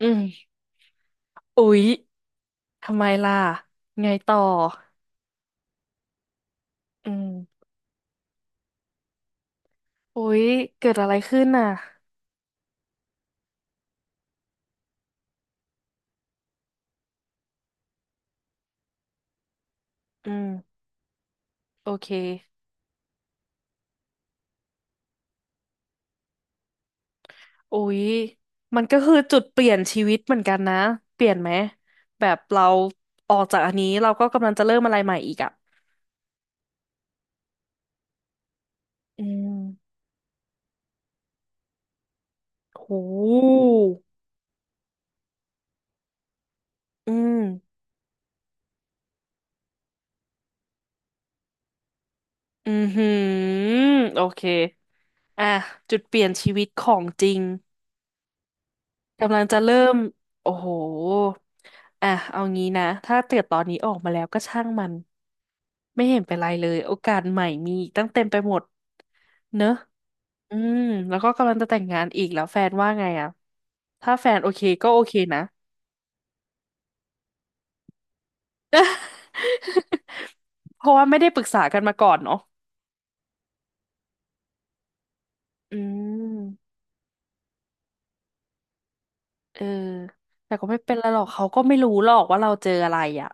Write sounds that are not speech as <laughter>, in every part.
อืมอุ๊ยทำไมล่ะ ไงต่อ อืมอุ๊ยเกิดอะไรขึ้นน่ะอืมโอเคอุ๊ยมันก็คือจุดเปลี่ยนชีวิตเหมือนกันนะ เปลี่ยนไหมแบบเราออกจากอันนี้เราก็กำลังจะเริ่มอะไรใหม่อีกอ่ะอืมโหอืมอือหือโอเคอ่ะจุดเปลี่ยนชีวิตของจริง กำลังจะเริ่มโอ้โหอ่ะเอางี้นะถ้าเกิดตอนนี้ออกมาแล้วก็ช่างมันไม่เห็นเป็นไรเลยโอกาสใหม่มีอีกตั้งเต็มไปหมดเนอะอืมแล้วก็กำลังจะแต่งงานอีกแล้วแฟนว่าไงอะถ้าแฟนโอเคก็โอเคนะ <laughs> เพราะว่าไม่ได้ปรึกษากันมาก่อนเนาะอืมเออแต่ก็ไม่เป็นไรหรอกเขาก็ไม่รู้หรอกว่าเราเจออะไรอ่ะ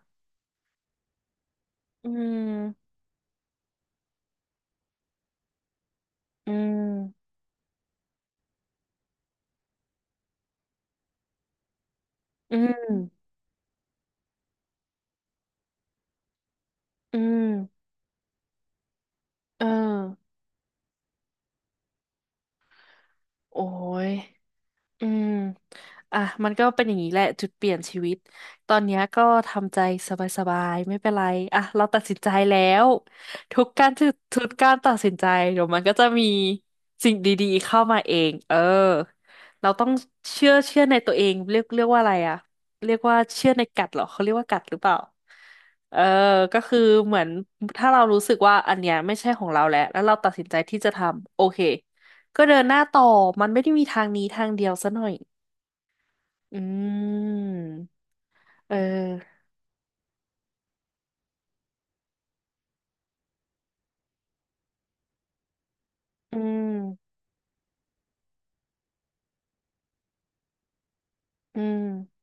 อืมอืมอืมอืมเออโอ้ย อืมอ่ะมันก็เป็นอย่างนี้แหละจุดเปลี่ยนชีวิตตอนเนี้ยก็ทำใจสบายๆไม่เป็นไรอ่ะเราตัดสินใจแล้วทุกการตัดสินใจเดี๋ยวมันก็จะมีสิ่งดีๆเข้ามาเองเออเราต้องเชื่อในตัวเองเรียกว่าอะไรอ่ะเรียกว่าเชื่อในกัดเหรอเขาเรียกว่ากัดหรือเปล่าเออก็คือเหมือนถ้าเรารู้สึกว่าอันเนี้ยไม่ใช่ของเราแล้วแล้วเราตัดสินใจที่จะทำโอเค ก็เดินหน้าต่อ มันไม่ได้มีทางนี้ทางเดียวซะหน่อยอืมเอออืมอืม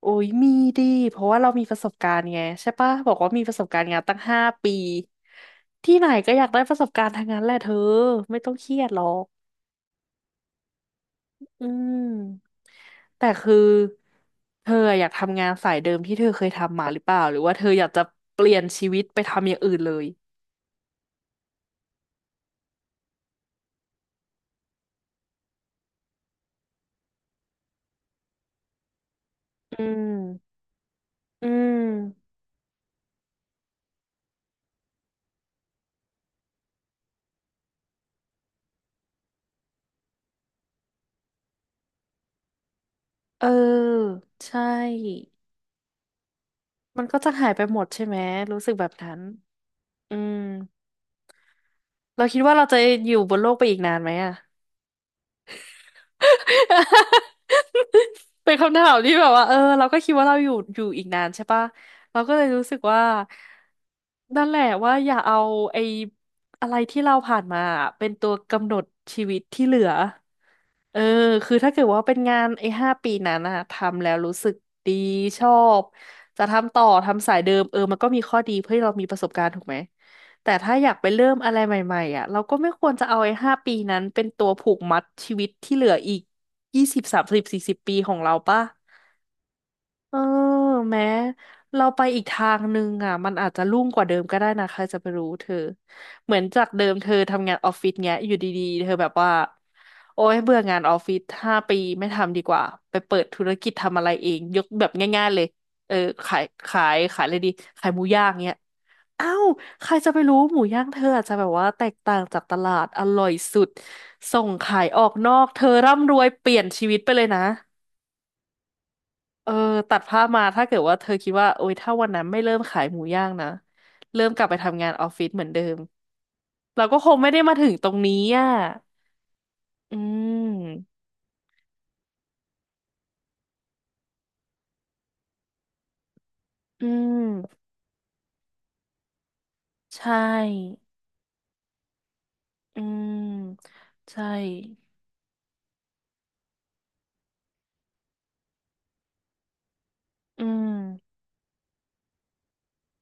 โอ้ยมีดิเพราะว่าเรามีประสบการณ์ไงใช่ปะบอกว่ามีประสบการณ์งานตั้งห้าปีที่ไหนก็อยากได้ประสบการณ์ทางนั้นแหละเธอไม่ต้องเครียดหรอกอืมแต่คือเธออยากทำงานสายเดิมที่เธอเคยทำมาหรือเปล่าหรือว่าเธออยากจะเปลี่ยนชีวิตไปทำอย่างอื่นเลยอืมอืมเออใช่ มันก็จะหายไปหมดใช่ไหมรู้สึกแบบนั้นอืมเราคิดว่าเราจะอยู่บนโลกไปอีกนานไหมอะ <laughs> เป็นคำถามที่แบบว่าเออเราก็คิดว่าเราอยู่อีกนานใช่ปะเราก็เลยรู้สึกว่านั่นแหละว่าอย่าเอาไอ้อะไรที่เราผ่านมาเป็นตัวกำหนดชีวิตที่เหลือ เออ คือถ้าเกิดว่าเป็นงานไอ้ห้าปีนั้นอะทำแล้วรู้สึกดีชอบจะทำต่อทำสายเดิมเออมันก็มีข้อดีเพื่อให้เรามีประสบการณ์ถูกไหมแต่ถ้าอยากไปเริ่มอะไรใหม่ๆอะเราก็ไม่ควรจะเอาไอ้ห้าปีนั้นเป็นตัวผูกมัดชีวิตที่เหลืออีก20 30 40 ปีของเราป่ะ เออแม้เราไปอีกทางนึงอ่ะมันอาจจะรุ่งกว่าเดิมก็ได้นะใครจะไปรู้เธอเหมือนจากเดิมเธอทำงานออฟฟิศเงี้ยอยู่ดีๆเธอแบบว่าโอ๊ยเบื่องานออฟฟิศห้าปีไม่ทำดีกว่าไปเปิดธุรกิจทำอะไรเองยกแบบง่ายๆเลยเออขายอะไรดีขายหมูย่างเงี้ยอ้าวใครจะไปรู้หมูย่างเธออาจจะแบบว่าแตกต่างจากตลาดอร่อยสุดส่งขายออกนอกเธอร่ำรวยเปลี่ยนชีวิตไปเลยนะ เออตัดภาพมาถ้าเกิดว่าเธอคิดว่าโอ๊ยถ้าวันนั้นไม่เริ่มขายหมูย่างนะเริ่มกลับไปทำงานออฟฟิศเหมือนเดิมเราก็คงไม่ได้มาถึงตรงนี้อ่ะอืมอืมใช่อืมใช่อืม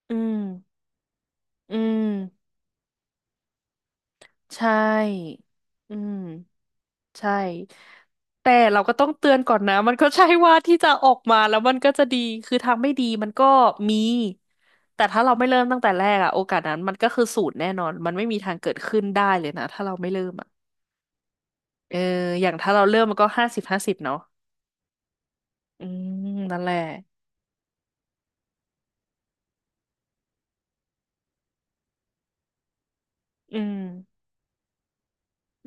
อืมอืมใช่อืม ใช่แต่เราก็ต้องเตือนก่อนนะมันก็ใช่ว่าที่จะออกมาแล้วมันก็จะดีคือทางไม่ดีมันก็มีแต่ถ้าเราไม่เริ่มตั้งแต่แรกอะโอกาสนั้นมันก็คือศูนย์แน่นอนมันไม่มีทางเกิดขึ้นได้เลยนะถ้าเราไม่เริ่มอะเอออย่างถ้าเราเริ่มมันก็50 50เนาะอืมนั่นแหละอืม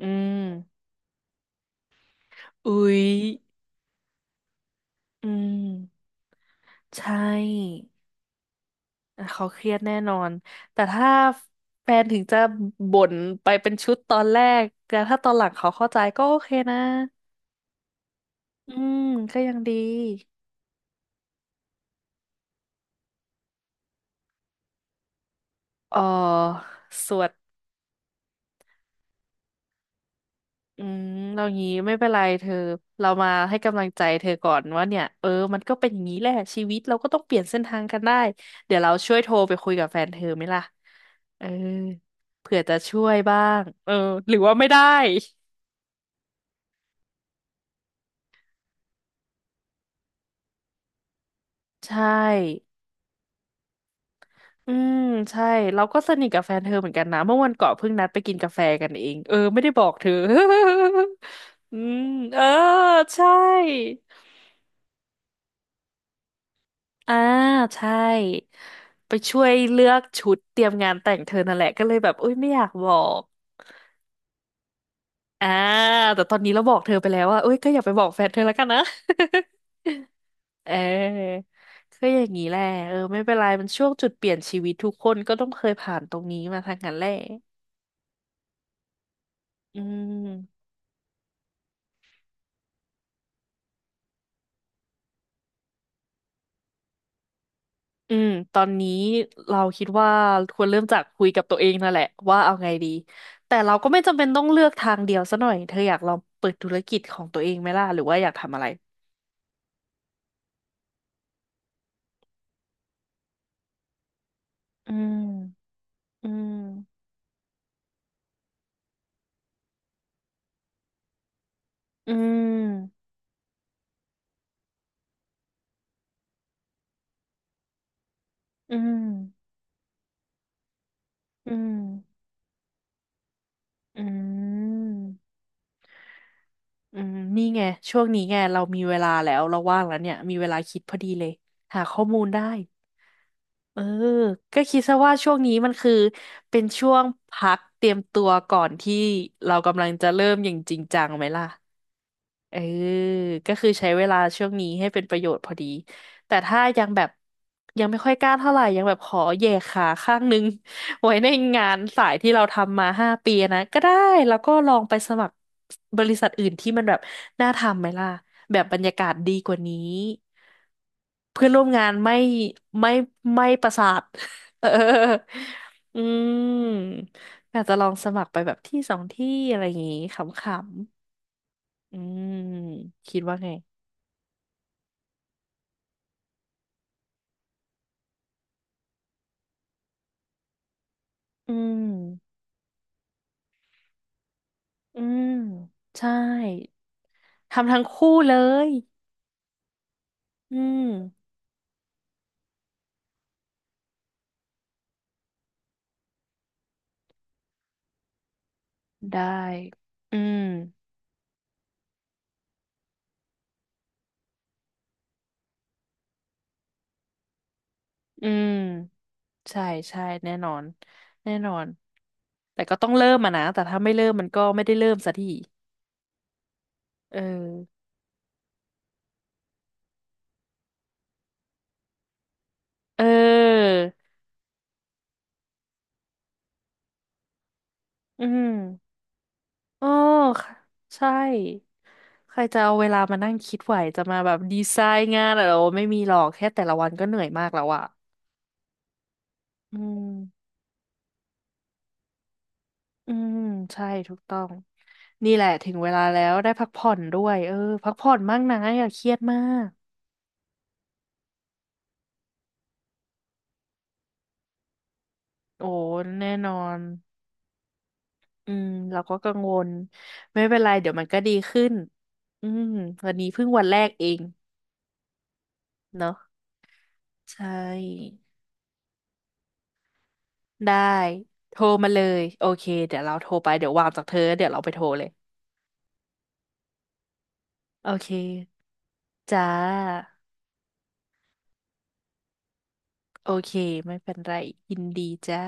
อืมอุ้ยอืมใช่ อ่ะเขาเครียดแน่นอน แต่ถ้าแฟนถึงจะบ่นไปเป็นชุดตอนแรกแต่ถ้าตอนหลังเขาเข้าใจก็โอเคนะอืมก็ยังดีเออสวดอืมเรางี้ไม่เป็นไรเธอเรามาให้กำลังใจเธอก่อนว่าเนี่ยเออมันก็เป็นอย่างนี้แหละชีวิตเราก็ต้องเปลี่ยนเส้นทางกันได้เดี๋ยวเราช่วยโทรไปคุยกับแฟนเธอไหมล่ะเออเผื่อจะช่วยบ้างเออหรือว่าไม่ได้ ใช่ อืมใช่เราก็สนิทกับแฟนเธอเหมือนกันนะเมื่อวันก่อนเพิ่งนัดไปกินกาแฟกันเองเออไม่ได้บอกเธอ <laughs> อืมเออใช่อ่าใช่ไปช่วยเลือกชุดเตรียมงานแต่งเธอนั่นแหละก็เลยแบบอุ้ยไม่อยากบอกอ่าแต่ตอนนี้เราบอกเธอไปแล้วว่าเอ้ยก็อย่าไปบอกแฟนเธอแล้วกันนะ <laughs> เออก็อย่างนี้แหละเออไม่เป็นไรมันช่วงจุดเปลี่ยนชีวิตทุกคนก็ต้องเคยผ่านตรงนี้มาทางนั้นแหละอืม อืมตอนนี้เราคิดว่าควรเริ่มจากคุยกับตัวเองนั่นแหละว่าเอาไงดีแต่เราก็ไม่จำเป็นต้องเลือกทางเดียวซะหน่อยเธออยากลองเปิดธุรกิจของตัวเองไหมล่ะหรือว่าอยากทำอะไรอืมอืมอืมอืมอืมอืมอืมนี่ไงช่วงนี้ไงเรามีเวลาแล้วเราว่างแล้วเนี่ยมีเวลาคิดพอดีเลยหาข้อมูลได้ เออก็คิดซะว่าช่วงนี้มันคือเป็นช่วงพักเตรียมตัวก่อนที่เรากำลังจะเริ่มอย่างจริงจังไหมล่ะ เออก็คือใช้เวลาช่วงนี้ให้เป็นประโยชน์พอดี แต่ถ้ายังแบบยังไม่ค่อยกล้าเท่าไหร่ยังแบบขอแหย่ขาข้างนึง <laughs> ไว้ในงานสายที่เราทำมา5 ปีนะก็ได้แล้วก็ลองไปสมัครบริษัทอื่นที่มันแบบน่าทำไหมล่ะแบบบรรยากาศดีกว่านี้เพื่อนร่วมงานไม่ไม่ประสาท <laughs> เอออืมอาจจะลองสมัครไปแบบที่สองที่อะไรอย่างงี้ขำๆ อืมคิดว่าไงอืมอืมใช่ทำทั้งคู่เลยอืมได้อืมอืมใช่ใช่แน่นอนแน่นอนแต่ก็ต้องเริ่มอะนะแต่ถ้าไม่เริ่มมันก็ไม่ได้เริ่มสักทีเออเอออืมโอ้ค่ะใช่ใครจะเอาเวลามานั่งคิดไหวจะมาแบบดีไซน์งานอะไรโอไม่มีหรอกแค่แต่ละวันก็เหนื่อยมากแล้วอะอืม อืมใช่ถูกต้องนี่แหละถึงเวลาแล้วได้พักผ่อนด้วยเออพักผ่อนบ้างนะอย่าเครียดมากโอ้แน่นอนอืมเราก็กังวลไม่เป็นไรเดี๋ยวมันก็ดีขึ้นอืมวันนี้เพิ่งวันแรกเองเนาะใช่ได้โทรมาเลยโอเคเดี๋ยวเราโทรไปเดี๋ยววางจากเธอเดี๋ยวเราไปโทรเลยโอเคจ้าโอเคไม่เป็นไรยินดีจ้า